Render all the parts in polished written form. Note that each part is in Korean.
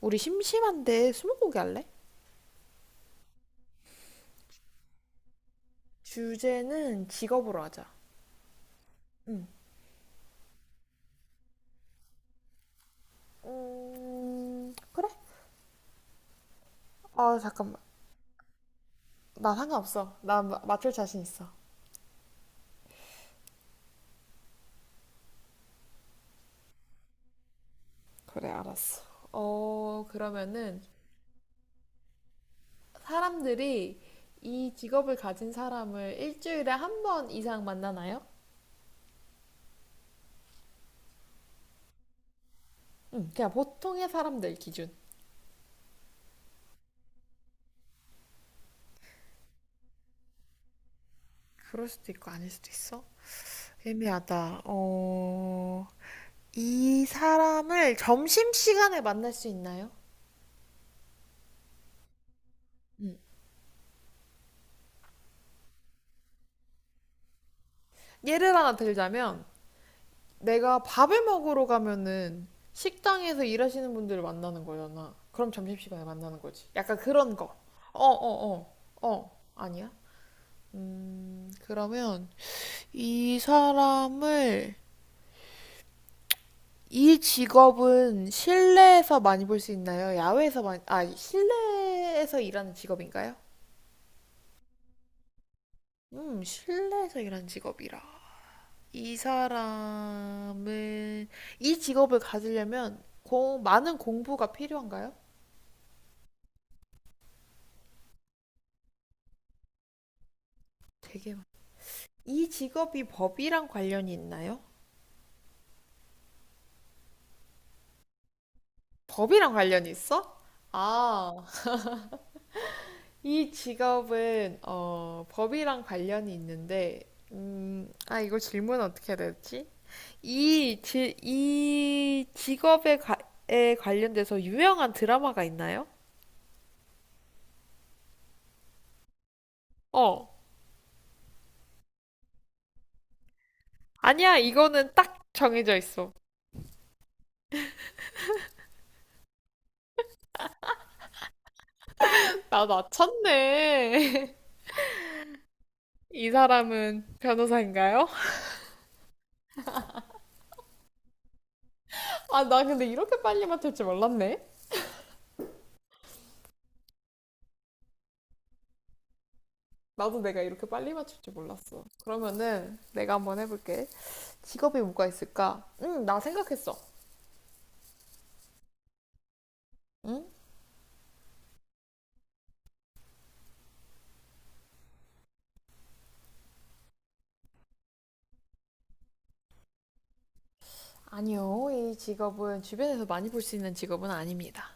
우리 심심한데 스무고개 할래? 주제는 직업으로 하자. 응. 그래? 아, 잠깐만. 나 상관없어. 맞출 자신 있어. 그래, 알았어. 어, 그러면은 사람들이 이 직업을 가진 사람을 일주일에 한 번 이상 만나나요? 응, 그냥 보통의 사람들 기준. 그럴 수도 있고 아닐 수도 있어. 애매하다. 어, 이 사람을 점심시간에 만날 수 있나요? 응. 예를 하나 들자면, 내가 밥을 먹으러 가면은 식당에서 일하시는 분들을 만나는 거잖아. 그럼 점심시간에 만나는 거지. 약간 그런 거. 어, 어, 어. 어, 아니야? 그러면 이 사람을 이 직업은 실내에서 많이 볼 수 있나요? 야외에서 많이, 아, 실내에서 일하는 직업인가요? 실내에서 일하는 직업이라. 이 사람은 이 직업을 가지려면 많은 공부가 필요한가요? 되게 이 직업이 법이랑 관련이 있나요? 법이랑 관련이 있어? 아, 이 직업은 어, 법이랑 관련이 있는데, 아, 이거 질문 어떻게 해야 되지? 이 직업에 에 관련돼서 유명한 드라마가 있나요? 어, 아니야, 이거는 딱 정해져 있어. 나 맞췄네. 이 사람은 변호사인가요? 아, 나 근데 이렇게 빨리 맞출 줄 몰랐네. 나도 내가 이렇게 빨리 맞출 줄 몰랐어. 그러면은 내가 한번 해볼게. 직업이 뭐가 있을까? 응, 나 생각했어. 응? 아니요, 이 직업은 주변에서 많이 볼 수 있는 직업은 아닙니다.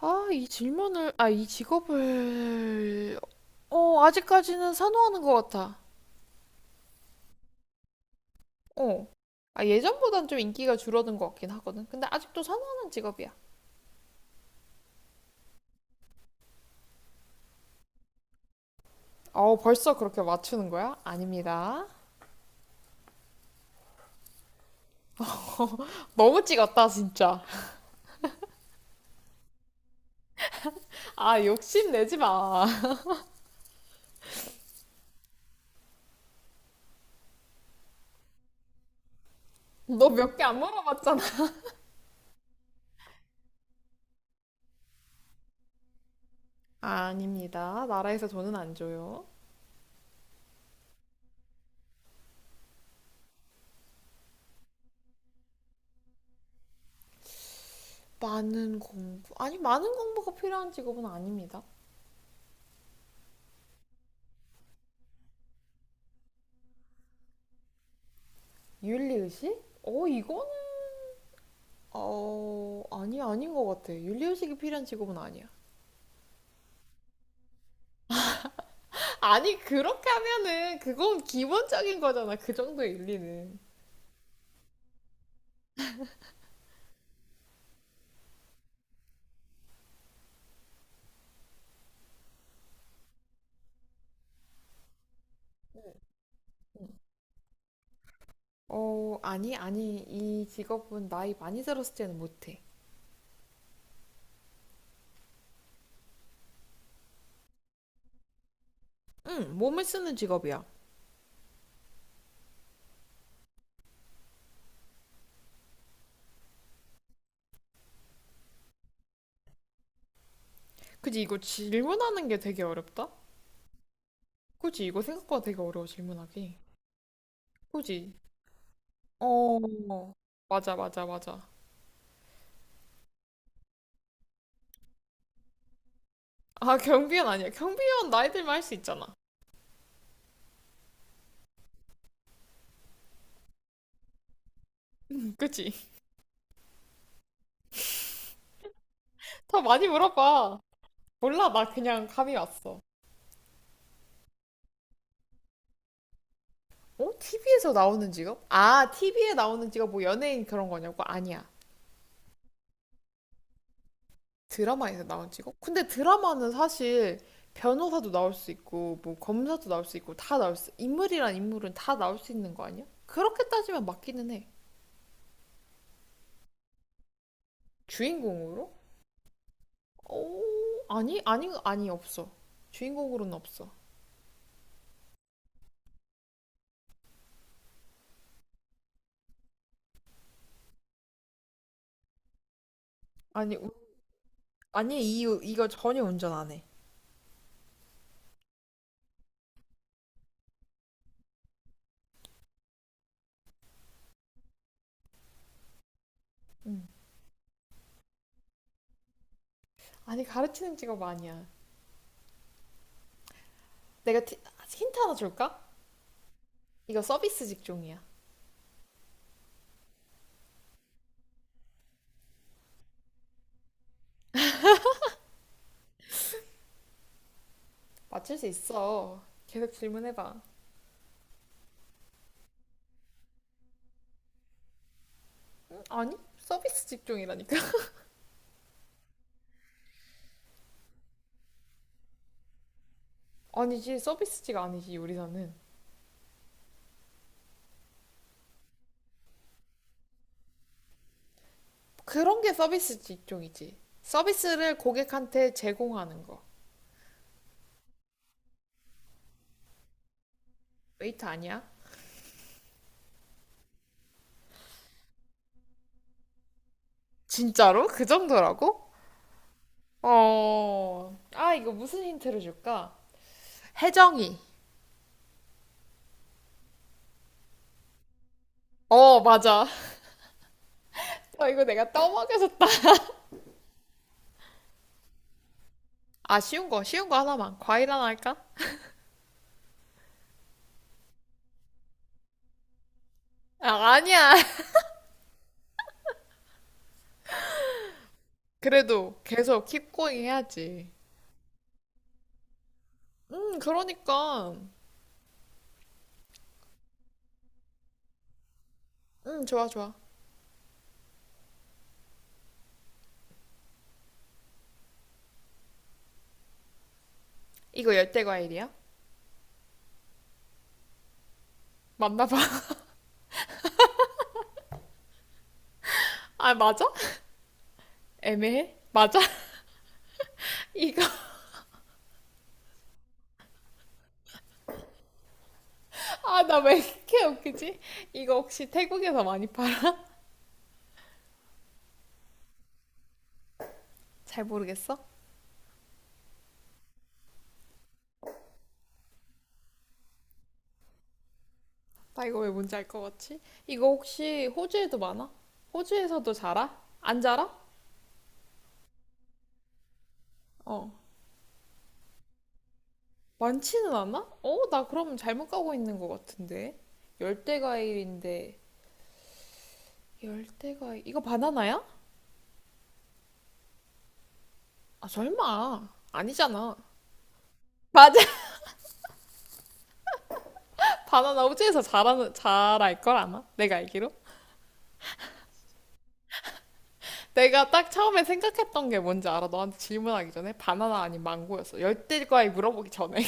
아, 이 질문을, 아, 이 직업을, 어, 아직까지는 선호하는 것 같아. 어. 아, 예전보단 좀 인기가 줄어든 것 같긴 하거든. 근데 아직도 선호하는 직업이야. 어, 벌써 그렇게 맞추는 거야? 아닙니다. 너무 찍었다, 진짜. 아, 욕심내지 마. 너 몇 개 안 물어봤잖아. 아닙니다. 나라에서 돈은 안 줘요. 많은 공부. 아니, 많은 공부가 필요한 직업은 아닙니다. 윤리의식? 어, 이거는, 어, 아니, 아닌 것 같아. 윤리의식이 필요한 직업은 아니야. 아니, 그렇게 하면은, 그건 기본적인 거잖아. 그 정도의 윤리는. 어, 아니, 아니. 이 직업은 나이 많이 들었을 때는 못해. 응, 몸을 쓰는 직업이야. 그지, 이거 질문하는 게 되게 어렵다? 그지, 이거 생각보다 되게 어려워, 질문하기. 그지, 어, 맞아, 맞아, 맞아. 아, 경비원 아니야. 경비원 나이들만 할 수 있잖아. 그치? 더 많이 물어봐. 몰라, 나 그냥 감이 왔어. 어? TV에서 나오는 직업? 아, TV에 나오는 직업 뭐 연예인 그런 거냐고? 아니야. 드라마에서 나온 직업? 근데 드라마는 사실 변호사도 나올 수 있고, 뭐 검사도 나올 수 있고, 다 나올 수, 인물이란 인물은 다 나올 수 있는 거 아니야? 그렇게 따지면 맞기는 해. 주인공으로? 어, 아니, 아니, 아니, 없어. 주인공으로는 없어. 아니, 아니, 이, 이거 전혀 운전 안 해. 음. 아니, 가르치는 직업 아니야. 내가 티- 힌트 하나 줄까? 이거 서비스 직종이야. 맞출 수 있어. 계속 질문해봐. 아니, 서비스 직종이라니까. 아니지, 서비스직 아니지, 요리사는. 그런 게 서비스 직종이지. 서비스를 고객한테 제공하는 거. 웨이트 아니야? 진짜로? 그 정도라고? 어, 아, 이거 무슨 힌트를 줄까? 혜정이. 어, 맞아. 아, 이거 내가 떠먹여서 아, 쉬운 거, 쉬운 거 하나만. 과일 하나 할까? 아, 아니야. 그래도 계속 킵고잉 해야지. 그러니까. 좋아, 좋아. 이거 열대 과일이야? 맞나 봐. 아, 맞아? 애매해? 맞아? 이거, 아, 나 왜 이렇게 웃기지? 이거 혹시 태국에서 많이 팔아? 잘 모르겠어? 나 이거 왜 뭔지 알 것 같지? 이거 혹시 호주에도 많아? 호주에서도 자라? 안 자라? 어. 많지는 않아? 어, 나 그럼 잘못 가고 있는 것 같은데. 열대 과일인데 열대과 이거 바나나야? 아 설마 아니잖아. 맞아. 바나나 우주에서 잘하는 잘알 걸 아나? 내가 알기로. 내가 딱 처음에 생각했던 게 뭔지 알아. 너한테 질문하기 전에 바나나 아닌 망고였어. 열대과에 물어보기 전에.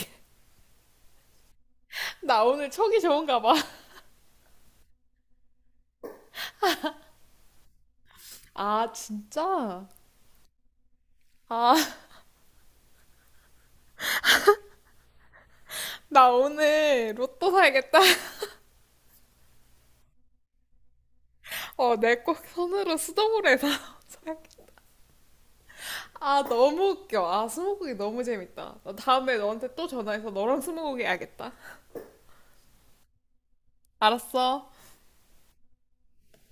나 오늘 촉이 좋은가 봐. 아 진짜? 아 나 오늘 로또 사야겠다. 어 내 꼭 손으로 수동으로 해서 사야겠다. 아 너무 웃겨. 아 스무고기 너무 재밌다. 나 다음에 너한테 또 전화해서 너랑 스무고기 해야겠다. 알았어.